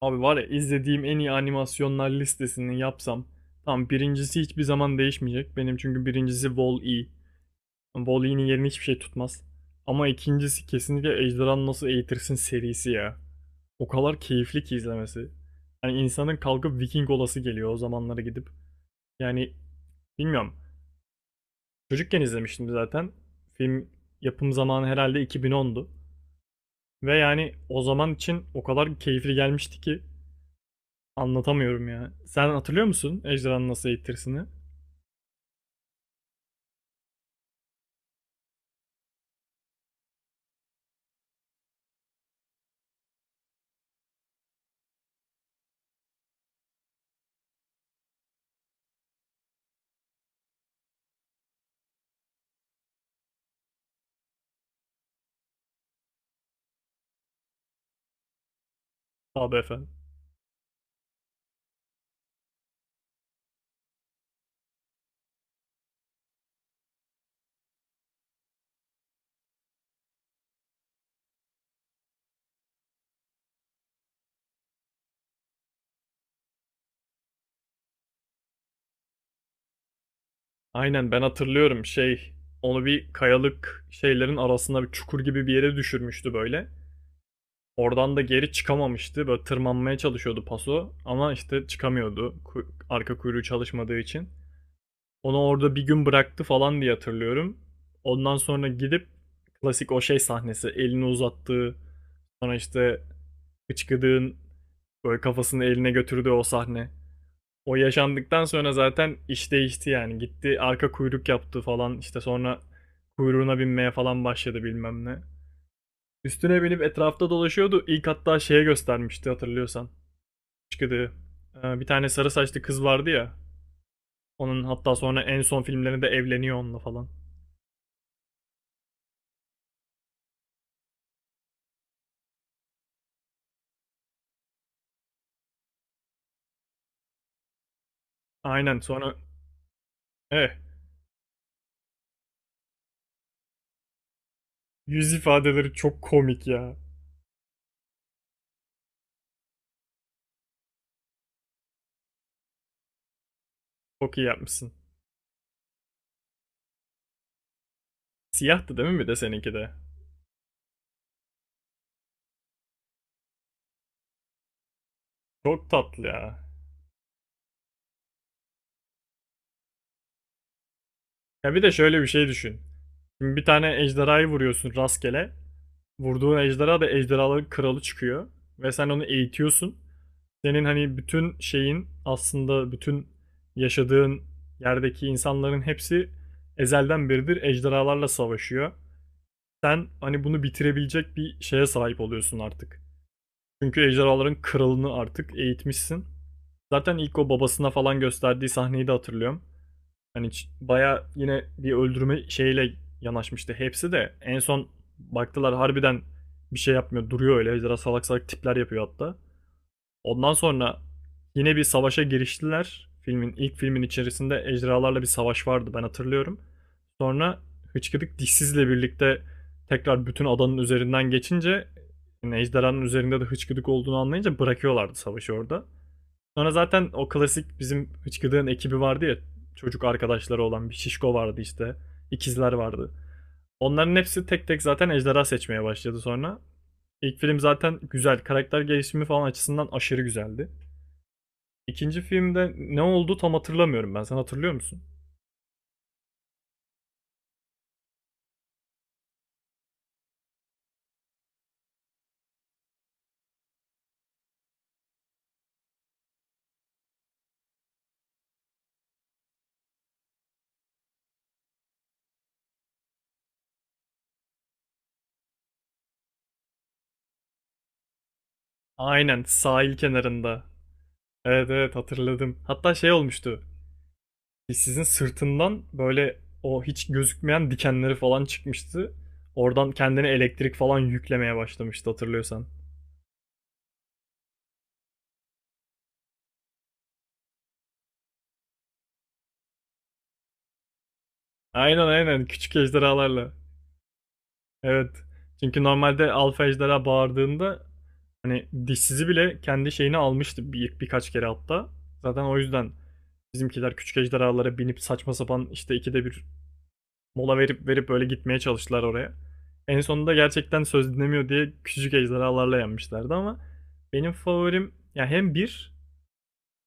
Abi var ya, izlediğim en iyi animasyonlar listesini yapsam. Tamam, birincisi hiçbir zaman değişmeyecek. Benim çünkü birincisi Wall-E. Wall-E'nin yerini hiçbir şey tutmaz. Ama ikincisi kesinlikle Ejderhanı Nasıl Eğitirsin serisi ya. O kadar keyifli ki izlemesi. Yani insanın kalkıp Viking olası geliyor, o zamanlara gidip. Yani bilmiyorum. Çocukken izlemiştim zaten. Film yapım zamanı herhalde 2010'du. Ve yani o zaman için o kadar keyifli gelmişti ki anlatamıyorum ya. Sen hatırlıyor musun ejderhanın nasıl eğittirisini? Abi efendim. Aynen, ben hatırlıyorum şey, onu bir kayalık şeylerin arasında bir çukur gibi bir yere düşürmüştü böyle. Oradan da geri çıkamamıştı. Böyle tırmanmaya çalışıyordu paso, ama işte çıkamıyordu. Arka kuyruğu çalışmadığı için. Onu orada bir gün bıraktı falan diye hatırlıyorum. Ondan sonra gidip klasik o şey sahnesi, elini uzattığı, sonra işte hıçkıdığın böyle kafasını eline götürdüğü o sahne. O yaşandıktan sonra zaten iş değişti yani. Gitti arka kuyruk yaptı falan, işte sonra kuyruğuna binmeye falan başladı bilmem ne. Üstüne binip etrafta dolaşıyordu. İlk hatta şeye göstermişti, hatırlıyorsan. Çıkıdı Bir tane sarı saçlı kız vardı ya. Onun hatta sonra en son filmlerinde evleniyor onunla falan. Aynen, sonra eh yüz ifadeleri çok komik ya. Çok iyi yapmışsın. Siyahtı değil mi, bir de seninki de? Çok tatlı ya. Ya bir de şöyle bir şey düşün. Şimdi bir tane ejderhayı vuruyorsun rastgele. Vurduğun ejderha da ejderhaların kralı çıkıyor. Ve sen onu eğitiyorsun. Senin hani bütün şeyin, aslında bütün yaşadığın yerdeki insanların hepsi ezelden beridir ejderhalarla savaşıyor. Sen hani bunu bitirebilecek bir şeye sahip oluyorsun artık. Çünkü ejderhaların kralını artık eğitmişsin. Zaten ilk o babasına falan gösterdiği sahneyi de hatırlıyorum. Hani baya yine bir öldürme şeyiyle yanaşmıştı hepsi de. En son baktılar harbiden bir şey yapmıyor. Duruyor öyle. Biraz salak salak tipler yapıyor hatta. Ondan sonra yine bir savaşa giriştiler. Filmin, ilk filmin içerisinde ejderhalarla bir savaş vardı, ben hatırlıyorum. Sonra Hıçkıdık dişsizle birlikte tekrar bütün adanın üzerinden geçince, yani ejderhanın üzerinde de hıçkıdık olduğunu anlayınca bırakıyorlardı savaşı orada. Sonra zaten o klasik bizim hıçkırığın ekibi vardı ya. Çocuk arkadaşları olan bir şişko vardı işte. İkizler vardı. Onların hepsi tek tek zaten ejderha seçmeye başladı sonra. İlk film zaten güzel. Karakter gelişimi falan açısından aşırı güzeldi. İkinci filmde ne oldu tam hatırlamıyorum ben. Sen hatırlıyor musun? Aynen, sahil kenarında. Evet evet, hatırladım. Hatta şey olmuştu. Sizin sırtından böyle o hiç gözükmeyen dikenleri falan çıkmıştı. Oradan kendine elektrik falan yüklemeye başlamıştı, hatırlıyorsan. Aynen aynen, küçük ejderhalarla. Evet. Çünkü normalde alfa ejderha bağırdığında hani dişsizi bile kendi şeyini almıştı birkaç kere hatta. Zaten o yüzden bizimkiler küçük ejderhalara binip saçma sapan işte ikide bir mola verip verip böyle gitmeye çalıştılar oraya. En sonunda gerçekten söz dinlemiyor diye küçük ejderhalarla yenmişlerdi, ama benim favorim ya hem bir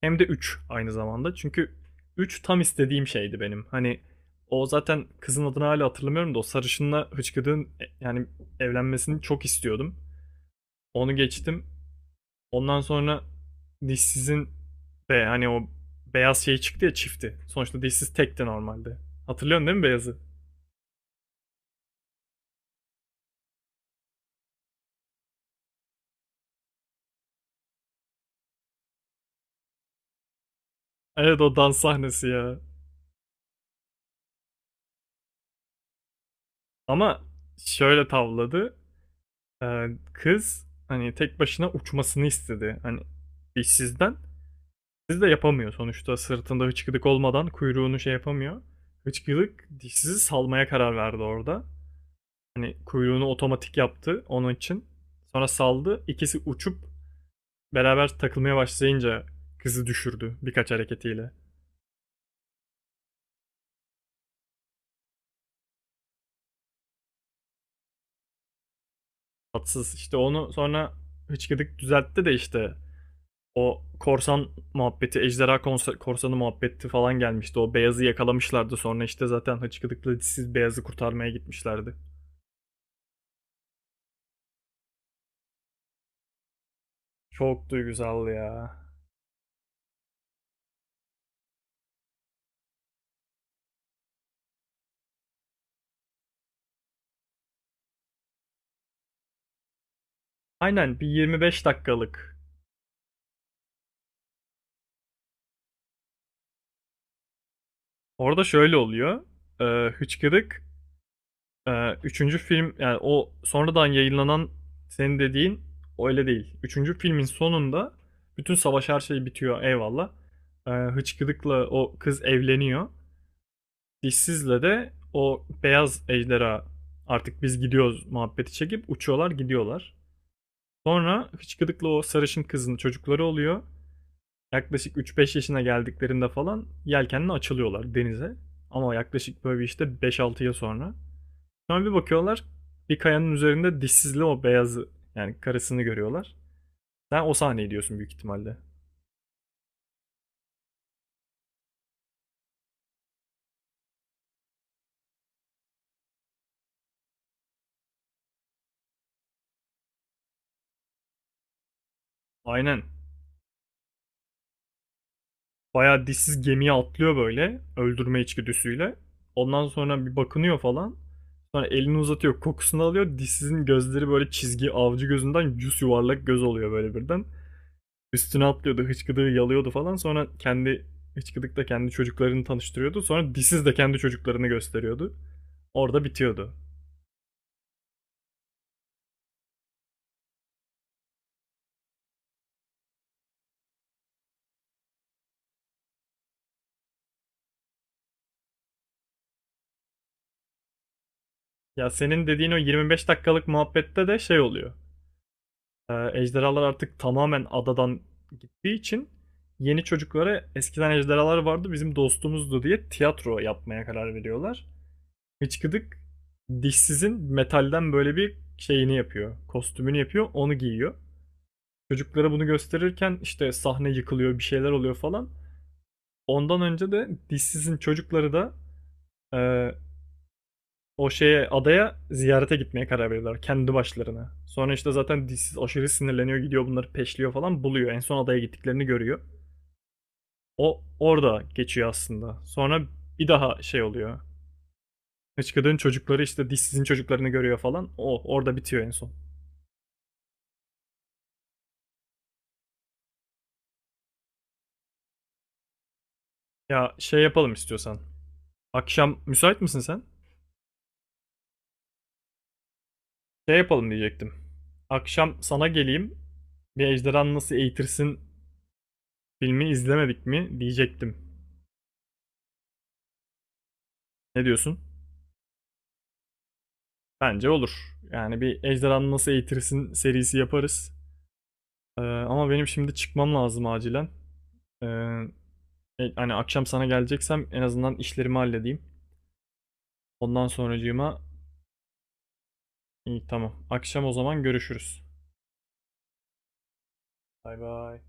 hem de 3 aynı zamanda. Çünkü 3 tam istediğim şeydi benim. Hani o zaten kızın adını hala hatırlamıyorum da, o sarışınla hıçkırığın yani evlenmesini çok istiyordum. Onu geçtim. Ondan sonra dişsizin ve hani o beyaz şey çıktı ya, çifti. Sonuçta dişsiz tekti normalde. Hatırlıyorsun değil mi beyazı? Evet, o dans sahnesi ya. Ama şöyle tavladı. Ee, Kız hani tek başına uçmasını istedi. Hani dişsizden. Dişsiz de yapamıyor sonuçta, sırtında hıçkıdık olmadan kuyruğunu şey yapamıyor. Hıçkıdık dişsizi salmaya karar verdi orada. Hani kuyruğunu otomatik yaptı onun için. Sonra saldı. İkisi uçup beraber takılmaya başlayınca kızı düşürdü birkaç hareketiyle. Tatsız. İşte onu sonra hıçkıdık düzeltti de, işte o korsan muhabbeti, ejderha korsanı muhabbeti falan gelmişti. O beyazı yakalamışlardı, sonra işte zaten hıçkıdıkla dişsiz beyazı kurtarmaya gitmişlerdi. Çok duygusaldı ya. Aynen, bir 25 dakikalık. Orada şöyle oluyor. Hıçkırık üçüncü film, yani o sonradan yayınlanan, senin dediğin öyle değil. Üçüncü filmin sonunda bütün savaş, her şey bitiyor, eyvallah. Hıçkırık'la o kız evleniyor. Dişsiz'le de o beyaz ejderha artık biz gidiyoruz muhabbeti çekip uçuyorlar, gidiyorlar. Sonra Hıçkırık'la o sarışın kızın çocukları oluyor. Yaklaşık 3-5 yaşına geldiklerinde falan yelkenle açılıyorlar denize. Ama yaklaşık böyle işte 5-6 yıl sonra. Sonra bir bakıyorlar, bir kayanın üzerinde dişsizli o beyazı, yani karısını görüyorlar. Sen o sahneyi diyorsun büyük ihtimalle. Aynen. Bayağı dişsiz gemiye atlıyor böyle, öldürme içgüdüsüyle. Ondan sonra bir bakınıyor falan. Sonra elini uzatıyor, kokusunu alıyor. Dişsizin gözleri böyle çizgi avcı gözünden yüz yuvarlak göz oluyor böyle birden. Üstüne atlıyordu, hıçkıdığı yalıyordu falan. Sonra kendi, hıçkıdıkla kendi çocuklarını tanıştırıyordu. Sonra dişsiz de kendi çocuklarını gösteriyordu. Orada bitiyordu. Ya senin dediğin o 25 dakikalık muhabbette de şey oluyor. Ejderhalar artık tamamen adadan gittiği için yeni çocuklara eskiden ejderhalar vardı, bizim dostumuzdu diye tiyatro yapmaya karar veriyorlar. Hıçkıdık dişsizin metalden böyle bir şeyini yapıyor. Kostümünü yapıyor, onu giyiyor. Çocuklara bunu gösterirken işte sahne yıkılıyor, bir şeyler oluyor falan. Ondan önce de dişsizin çocukları da e, o şeye, adaya ziyarete gitmeye karar veriyorlar kendi başlarına. Sonra işte zaten dişsiz aşırı sinirleniyor, gidiyor bunları peşliyor falan, buluyor. En son adaya gittiklerini görüyor. O orada geçiyor aslında. Sonra bir daha şey oluyor. Hıçkırık'ın çocukları işte dişsizin çocuklarını görüyor falan. O orada bitiyor en son. Ya şey yapalım istiyorsan. Akşam müsait misin sen? Şey yapalım diyecektim. Akşam sana geleyim. Bir Ejderhan Nasıl Eğitirsin filmi izlemedik mi diyecektim. Ne diyorsun? Bence olur. Yani bir Ejderhan Nasıl Eğitirsin serisi yaparız. Ama benim şimdi çıkmam lazım acilen. Ee, Hani akşam sana geleceksem en azından işlerimi halledeyim. Ondan sonracığıma, iyi tamam. Akşam o zaman görüşürüz. Bay bay.